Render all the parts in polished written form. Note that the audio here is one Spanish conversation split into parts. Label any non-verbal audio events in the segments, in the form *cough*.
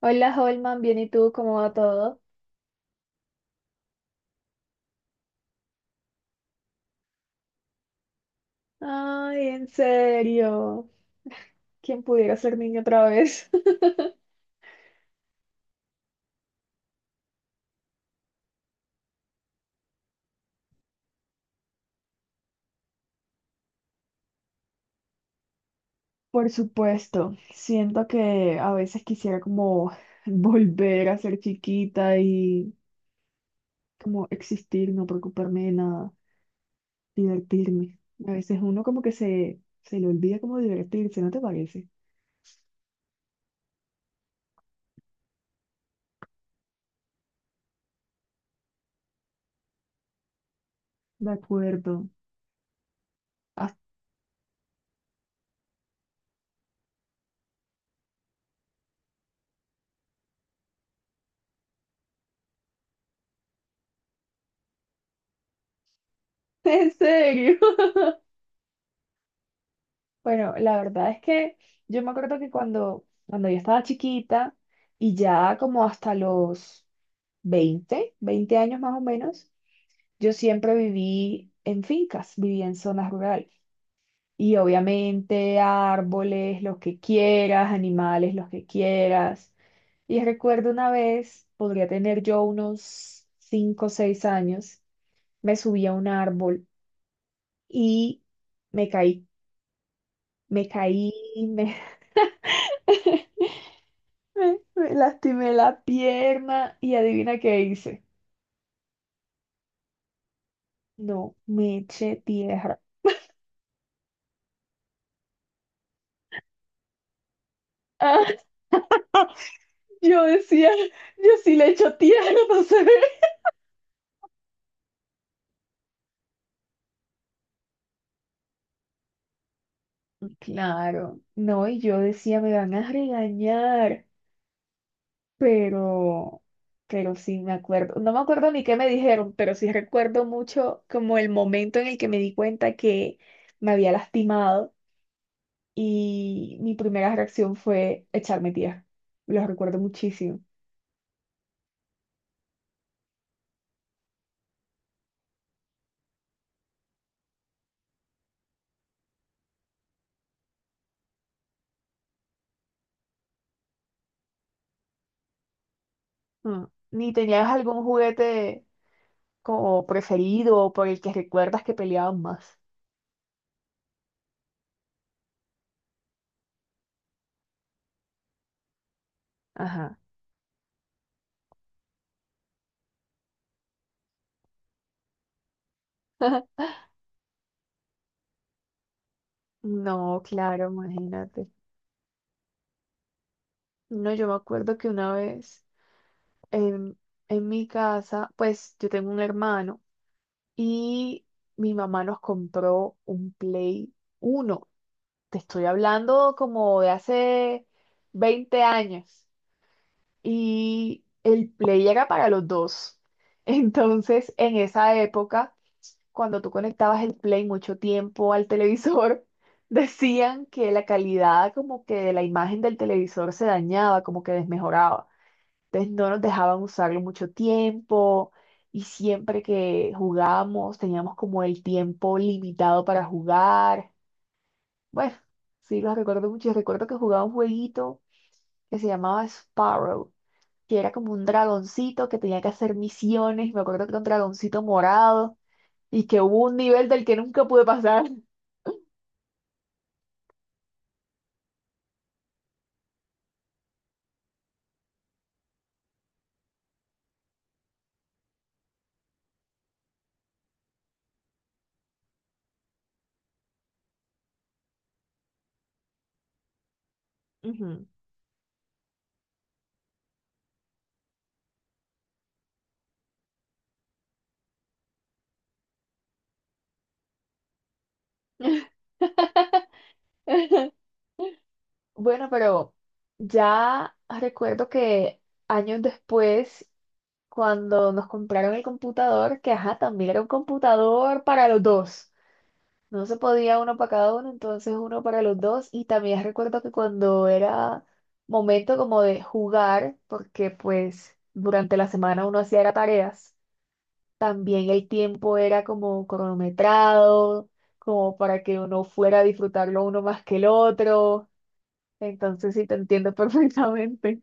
Hola Holman, bien, ¿y tú? ¿Cómo va todo? Ay, en serio. ¿Quién pudiera ser niño otra vez? *laughs* Por supuesto, siento que a veces quisiera como *laughs* volver a ser chiquita y como existir, no preocuparme de nada, divertirme. A veces uno como que se le olvida como divertirse, ¿no te parece? De acuerdo. Ah, *laughs* ¿en serio? Bueno, la verdad es que yo me acuerdo que cuando yo estaba chiquita y ya como hasta los veinte años más o menos, yo siempre viví en fincas, viví en zonas rurales. Y obviamente árboles, los que quieras, animales, los que quieras. Y recuerdo una vez, podría tener yo unos cinco o 6 años, me subí a un árbol y me caí. Me caí, me *laughs* Me lastimé la pierna y adivina qué hice. No, me eché tierra. *laughs* Ah, yo decía, yo sí le echo tierra, *laughs* no se ve. Claro, no, y yo decía, me van a regañar, pero, pero sí me acuerdo, no me acuerdo ni qué me dijeron, pero sí recuerdo mucho como el momento en el que me di cuenta que me había lastimado y mi primera reacción fue echarme tierra. Lo recuerdo muchísimo. Mm. ¿Ni tenías algún juguete como preferido o por el que recuerdas que peleaban más? Ajá. *laughs* No, claro, imagínate. No, yo me acuerdo que una vez en, en mi casa, pues yo tengo un hermano y mi mamá nos compró un Play uno. Te estoy hablando como de hace 20 años. Y el Play era para los dos. *laughs* Entonces, en esa época cuando tú conectabas el Play mucho tiempo al televisor, *laughs* decían que la calidad como que de la imagen del televisor se dañaba, como que desmejoraba. Entonces no nos dejaban usarlo mucho tiempo y siempre que jugábamos teníamos como el tiempo limitado para jugar. Bueno, sí, los recuerdo mucho. Yo recuerdo que jugaba un jueguito que se llamaba Sparrow que era como un dragoncito que tenía que hacer misiones. Me acuerdo que era un dragoncito morado y que hubo un nivel del que nunca pude pasar. Ujú. *laughs* Bueno, pero ya recuerdo que años después, cuando nos compraron el computador, que ajá, también era un computador para los dos. No se podía uno para cada uno, entonces uno para los dos. Y también recuerdo que cuando era momento como de jugar, porque pues durante la semana uno hacía era tareas, también el tiempo era como cronometrado, como para que uno fuera a disfrutarlo uno más que el otro. Entonces sí te entiendo *laughs* perfectamente.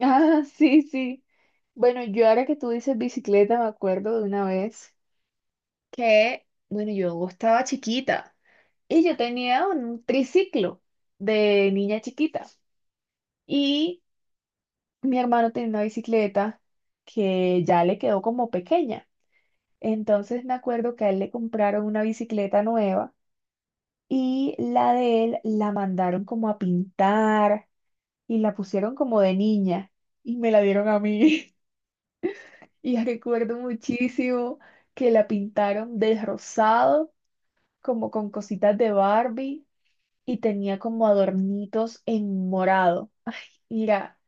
Ah, sí, sí. Bueno, yo ahora que tú dices bicicleta, me acuerdo de una vez que, bueno, yo estaba chiquita. Y yo tenía un triciclo de niña chiquita. Y mi hermano tenía una bicicleta que ya le quedó como pequeña. Entonces me acuerdo que a él le compraron una bicicleta nueva y la de él la mandaron como a pintar y la pusieron como de niña y me la dieron a mí. *laughs* Y recuerdo muchísimo que la pintaron de rosado, como con cositas de Barbie y tenía como adornitos en morado. Mira,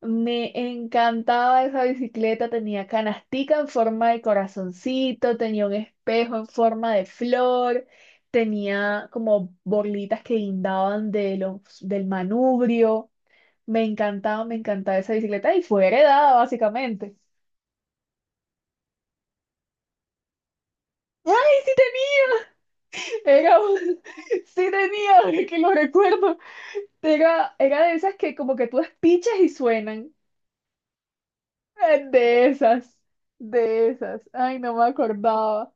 me encantaba esa bicicleta, tenía canastica en forma de corazoncito, tenía un espejo en forma de flor, tenía como bolitas que guindaban de los, del manubrio. Me encantaba esa bicicleta y fue heredada básicamente. ¡Ay, sí tenía! Era un- *laughs* sí tenía, ahora que lo recuerdo. Era, era de esas que como que tú despichas y suenan. De esas, de esas. Ay, no me acordaba.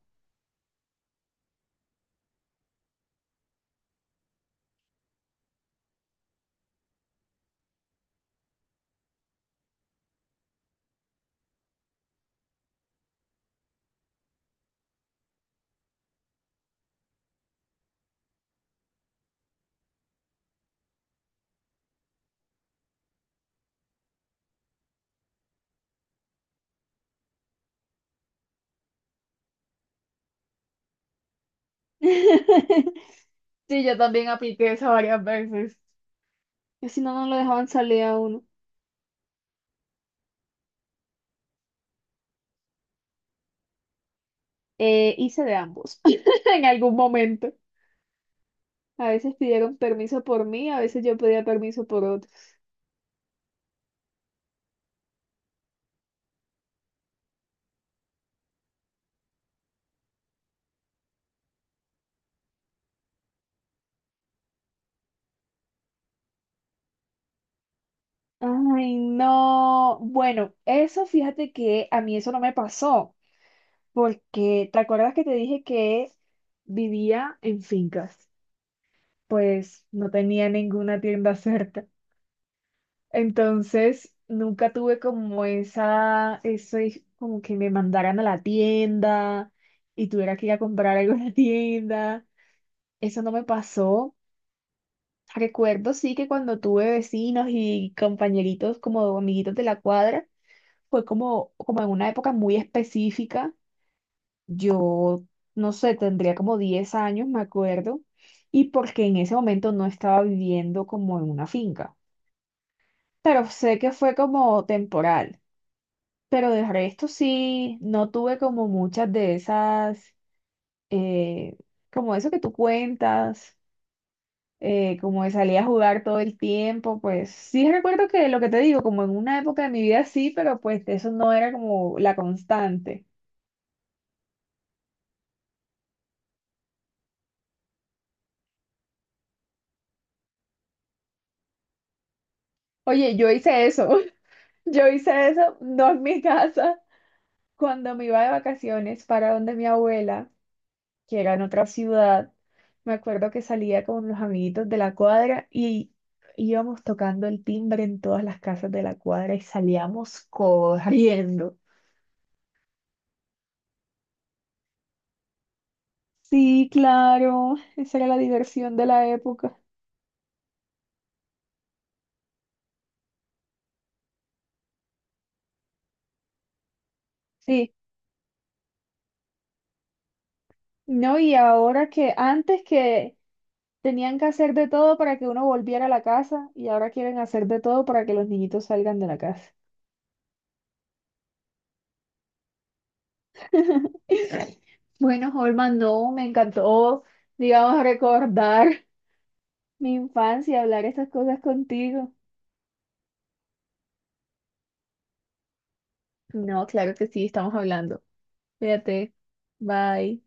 *laughs* Sí, yo también apliqué eso varias veces. Que si no, no lo dejaban salir a uno. Hice de ambos *laughs* en algún momento. A veces pidieron permiso por mí, a veces yo pedía permiso por otros. Ay, no. Bueno, eso fíjate que a mí eso no me pasó, porque ¿te acuerdas que te dije que vivía en fincas? Pues no tenía ninguna tienda cerca. Entonces, nunca tuve como esa, eso es como que me mandaran a la tienda y tuviera que ir a comprar algo en la tienda. Eso no me pasó. Recuerdo sí que cuando tuve vecinos y compañeritos como amiguitos de la cuadra, fue como, como en una época muy específica. Yo, no sé, tendría como 10 años, me acuerdo, y porque en ese momento no estaba viviendo como en una finca, pero sé que fue como temporal. Pero del resto sí, no tuve como muchas de esas, eh, como eso que tú cuentas, como de salir a jugar todo el tiempo, pues sí recuerdo que lo que te digo, como en una época de mi vida sí, pero pues eso no era como la constante. Oye, yo hice eso, *laughs* yo hice eso, no en mi casa, cuando me iba de vacaciones para donde mi abuela, que era en otra ciudad. Me acuerdo que salía con los amiguitos de la cuadra y íbamos tocando el timbre en todas las casas de la cuadra y salíamos corriendo. Sí, claro, esa era la diversión de la época. Sí, no, y ahora que antes que tenían que hacer de todo para que uno volviera a la casa y ahora quieren hacer de todo para que los niñitos salgan de la casa. *laughs* Bueno, Holman, no, me encantó, digamos, recordar. Mi infancia, hablar estas cosas contigo. No, claro que sí, estamos hablando. Fíjate. Bye.